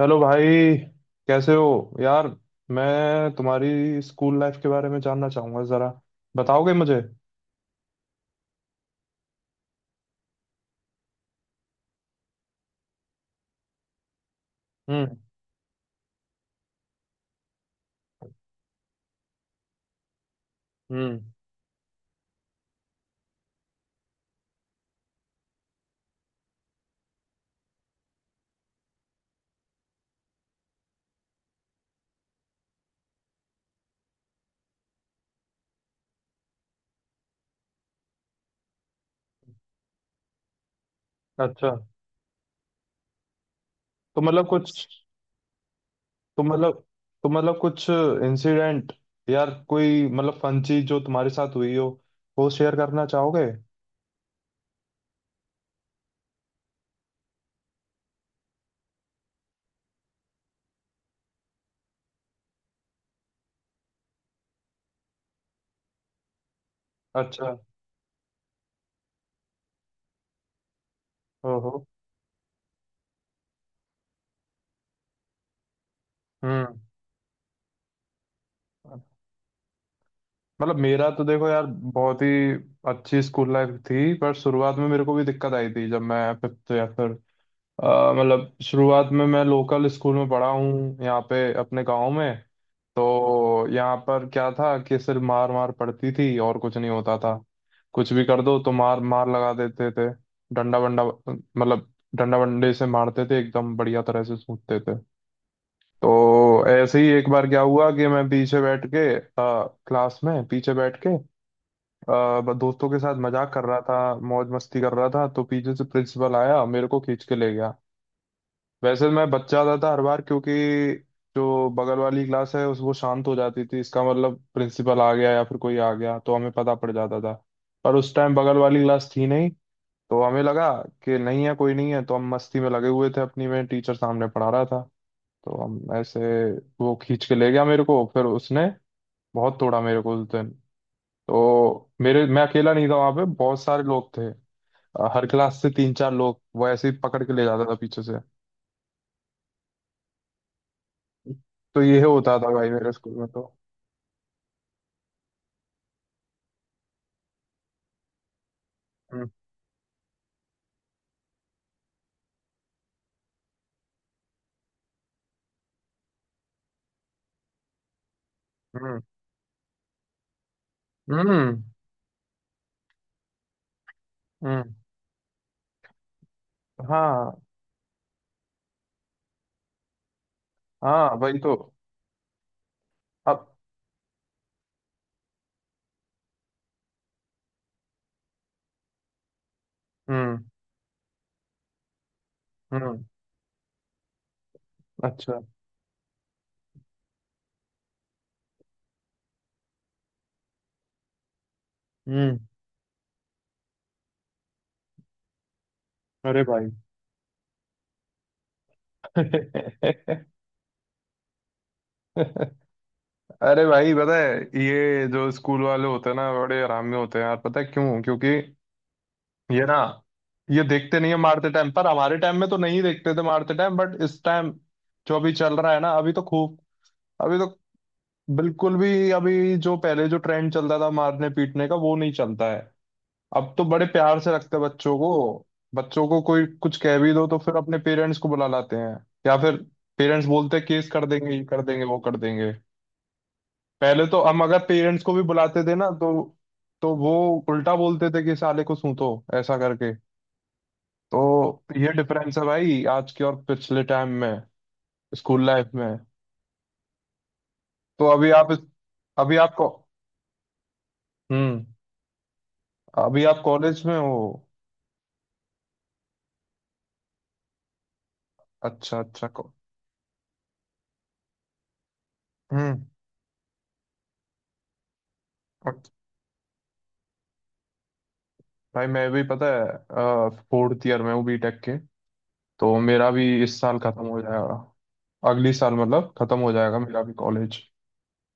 Hello भाई। कैसे हो यार? मैं तुम्हारी स्कूल लाइफ के बारे में जानना चाहूंगा जरा। बताओगे मुझे? हम्म। हम्म। अच्छा। तो मतलब कुछ तो मतलब तो मतलब कुछ इंसिडेंट यार, कोई मतलब फन चीज जो तुम्हारे साथ हुई हो, वो शेयर करना चाहोगे? अच्छा। ओहो। हम्म। मतलब मेरा तो देखो यार, बहुत ही अच्छी स्कूल लाइफ थी। पर शुरुआत में मेरे को भी दिक्कत आई थी जब मैं फिफ्थ या फिर मतलब शुरुआत में मैं लोकल स्कूल में पढ़ा हूँ यहाँ पे अपने गांव में। तो यहाँ पर क्या था कि सिर्फ मार मार पड़ती थी और कुछ नहीं होता था। कुछ भी कर दो तो मार मार लगा देते थे। डंडा वंडा, मतलब डंडा वंडे से मारते थे, एकदम बढ़िया तरह से सूटते थे। तो ऐसे ही एक बार क्या हुआ कि मैं पीछे बैठ के अ, क्लास में पीछे बैठ के दोस्तों के साथ मजाक कर रहा था, मौज मस्ती कर रहा था। तो पीछे से प्रिंसिपल आया, मेरे को खींच के ले गया। वैसे मैं बच जाता था हर बार, क्योंकि जो बगल वाली क्लास है उस वो शांत हो जाती थी, इसका मतलब प्रिंसिपल आ गया या फिर कोई आ गया तो हमें पता पड़ जाता था। पर उस टाइम बगल वाली क्लास थी नहीं, तो हमें लगा कि नहीं है, कोई नहीं है, तो हम मस्ती में लगे हुए थे अपनी में। टीचर सामने पढ़ा रहा था। तो हम ऐसे वो खींच के ले गया मेरे को, फिर उसने बहुत तोड़ा मेरे को उस दिन। तो मेरे मैं अकेला नहीं था, वहां पे बहुत सारे लोग थे। हर क्लास से तीन चार लोग वो ऐसे ही पकड़ के ले जाता था पीछे से। तो ये होता था भाई मेरे स्कूल में तो। हम्म। हम्म। हम्म। हम्म। हाँ, हाँ, वही तो। अब। हम्म। हम्म। अच्छा। हम्म। अरे भाई। अरे भाई, पता है ये जो स्कूल वाले होते हैं ना, बड़े आराम में होते हैं यार। पता है क्यों? क्योंकि ये ना, ये देखते नहीं है मारते टाइम पर। हमारे टाइम में तो नहीं देखते थे मारते टाइम, बट इस टाइम जो अभी चल रहा है ना, अभी तो खूब। अभी तो बिल्कुल भी, अभी जो पहले जो ट्रेंड चलता था मारने पीटने का वो नहीं चलता है। अब तो बड़े प्यार से रखते हैं बच्चों को। बच्चों को कोई कुछ कह भी दो तो फिर अपने पेरेंट्स को बुला लाते हैं, या फिर पेरेंट्स बोलते हैं केस कर देंगे, ये कर देंगे, वो कर देंगे। पहले तो हम अगर पेरेंट्स को भी बुलाते थे ना, तो वो उल्टा बोलते थे कि साले को सूंतो, ऐसा करके। तो ये डिफरेंस है भाई आज के और पिछले टाइम में स्कूल लाइफ में। तो अभी आप अभी आप को हम्म, अभी आप कॉलेज में हो? अच्छा, अच्छा। को हम्म। और भाई मैं भी पता है फोर्थ ईयर में हूँ B.Tech के। तो मेरा भी इस साल खत्म हो जाएगा, अगली साल मतलब खत्म हो जाएगा मेरा भी कॉलेज।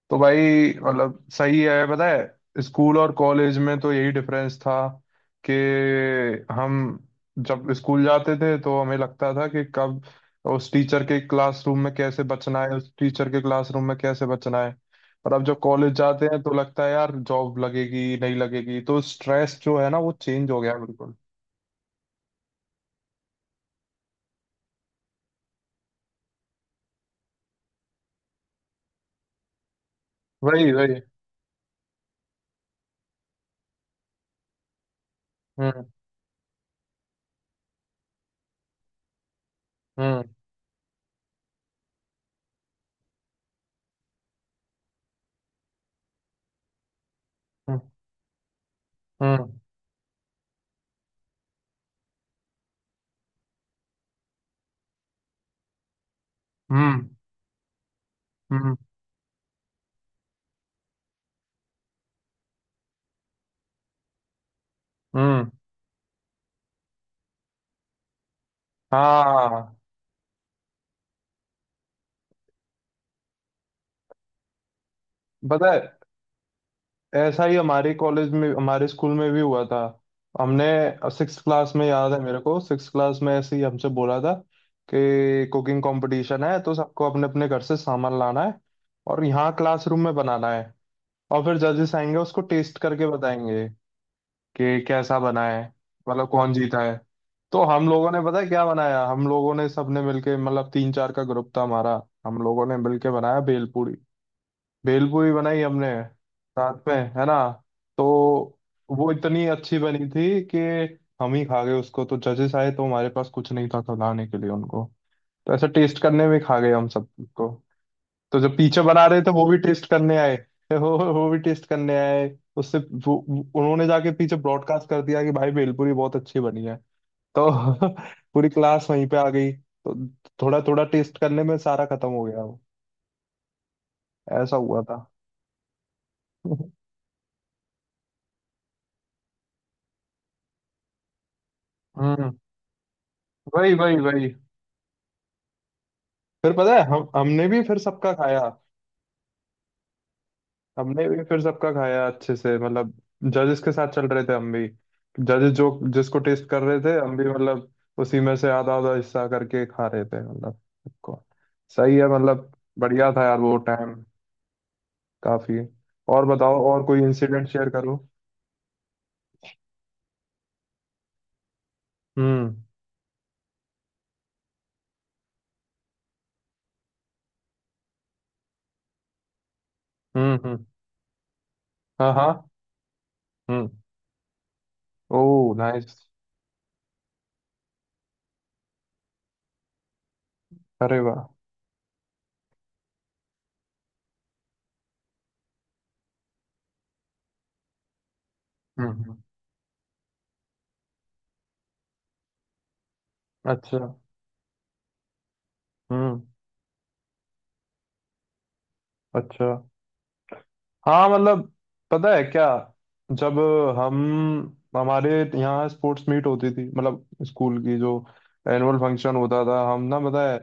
तो भाई मतलब सही है, पता है स्कूल और कॉलेज में तो यही डिफरेंस था कि हम जब स्कूल जाते थे तो हमें लगता था कि कब उस टीचर के क्लासरूम में कैसे बचना है, उस टीचर के क्लासरूम में कैसे बचना है। और अब जब कॉलेज जाते हैं तो लगता है यार जॉब लगेगी नहीं लगेगी, तो स्ट्रेस जो है ना वो चेंज हो गया है बिल्कुल। वही वही। हम्म। हम्म। हम्म। हम्म। हम्म। हम्म। हम्म। हाँ, पता है ऐसा ही हमारे कॉलेज में, हमारे स्कूल में भी हुआ था। हमने सिक्स क्लास में याद है मेरे को, 6 क्लास में ऐसे ही हमसे बोला था कि कुकिंग कंपटीशन है, तो सबको अपने अपने घर से सामान लाना है और यहाँ क्लासरूम में बनाना है, और फिर जजेस आएंगे, उसको टेस्ट करके बताएंगे कि कैसा बना है, मतलब कौन जीता है। तो हम लोगों ने पता है क्या बनाया, हम लोगों ने सबने मिलके, मतलब तीन चार का ग्रुप था हमारा, हम लोगों ने मिलके बनाया भेलपूरी। भेलपूरी बनाई हमने साथ में, है ना? तो वो इतनी अच्छी बनी थी कि हम ही खा गए उसको, तो जजेस आए तो हमारे पास कुछ नहीं था खिलाने के लिए उनको। तो ऐसा टेस्ट करने में खा गए हम सबको। तो जब पीछे बना रहे थे, वो भी टेस्ट करने आए। वो भी टेस्ट करने आए। उन्होंने जाके पीछे ब्रॉडकास्ट कर दिया कि भाई भेलपूरी बहुत अच्छी बनी है। तो पूरी क्लास वहीं पे आ गई, तो थोड़ा थोड़ा टेस्ट करने में सारा खत्म हो गया वो। ऐसा हुआ था। हम्म। वही वही वही। फिर पता है हम हमने भी फिर सबका खाया। हमने भी फिर सबका खाया अच्छे से, मतलब जजेस के साथ चल रहे थे हम भी, जजेस जो जिसको टेस्ट कर रहे थे हम भी मतलब उसी में से आधा आधा हिस्सा करके खा रहे थे, मतलब सबको। सही है मतलब। बढ़िया था यार वो टाइम, काफी। और बताओ, और कोई इंसिडेंट शेयर करो। हम्म। हम्म। हम्म। हाँ, हाँ। हम्म। ओह, नाइस। अरे वाह। हम्म। हम्म। अच्छा। हम्म। अच्छा। हाँ मतलब, पता है क्या, जब हम हमारे यहाँ स्पोर्ट्स मीट होती थी, मतलब स्कूल की जो एनुअल फंक्शन होता था, हम ना पता है।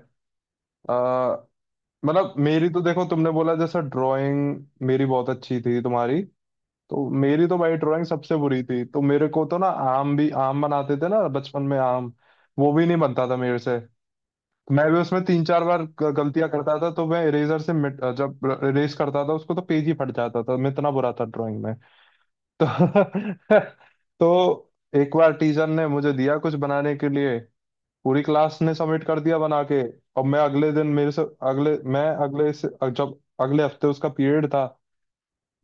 अ, मतलब मेरी तो देखो, तुमने बोला जैसा ड्राइंग मेरी बहुत अच्छी थी, तुम्हारी। तो मेरी तो भाई ड्राइंग सबसे बुरी थी। तो मेरे को तो ना, आम भी, आम बनाते थे ना बचपन में आम, वो भी नहीं बनता था मेरे से। मैं भी उसमें तीन चार बार गलतियां करता था। तो मैं इरेजर से मिट जब इरेज करता था उसको तो पेज ही फट जाता था, मैं इतना बुरा था ड्राइंग में। तो तो एक बार टीचर ने मुझे दिया कुछ बनाने के लिए। पूरी क्लास ने सबमिट कर दिया बना के, और मैं अगले दिन मेरे से अगले मैं अगले से जब अगले हफ्ते उसका पीरियड था,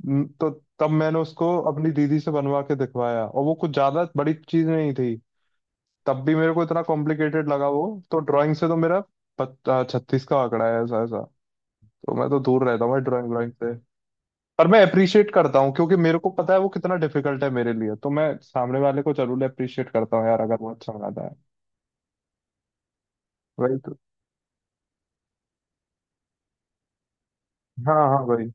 तो तब मैंने उसको अपनी दीदी से बनवा के दिखवाया। और वो कुछ ज्यादा बड़ी चीज नहीं थी, तब भी मेरे को इतना कॉम्प्लिकेटेड लगा वो। तो ड्राइंग से तो मेरा 36 का आंकड़ा है, ऐसा ऐसा। तो मैं तो दूर रहता हूँ ड्राइंग ड्राइंग से। पर मैं अप्रिशिएट करता हूँ, क्योंकि मेरे को पता है वो कितना डिफिकल्ट है, मेरे लिए तो मैं सामने वाले को जरूर अप्रिशिएट करता हूँ यार, अगर वो अच्छा बनाता है। वही तो। हाँ, हाँ, वही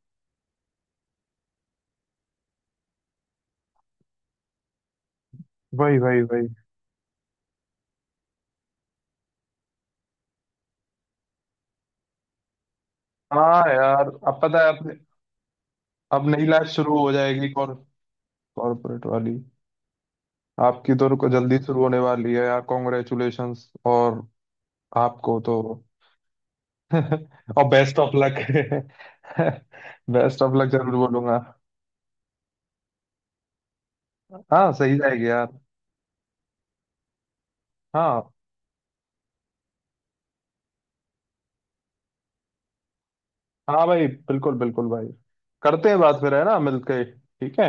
वही वही वही। हाँ यार, अब पता है, अब नई लाइफ शुरू हो जाएगी, कॉर्पोरेट वाली। आपकी तो रुको, जल्दी शुरू होने वाली है यार। कॉन्ग्रेचुलेशंस, और आपको तो। और best of luck. Best of luck. जरूर बोलूंगा। हाँ सही जाएगी यार। हाँ, हाँ भाई, बिल्कुल बिल्कुल भाई। करते हैं बात फिर, है ना? मिलके, ठीक है?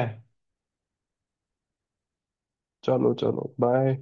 चलो, चलो, बाय।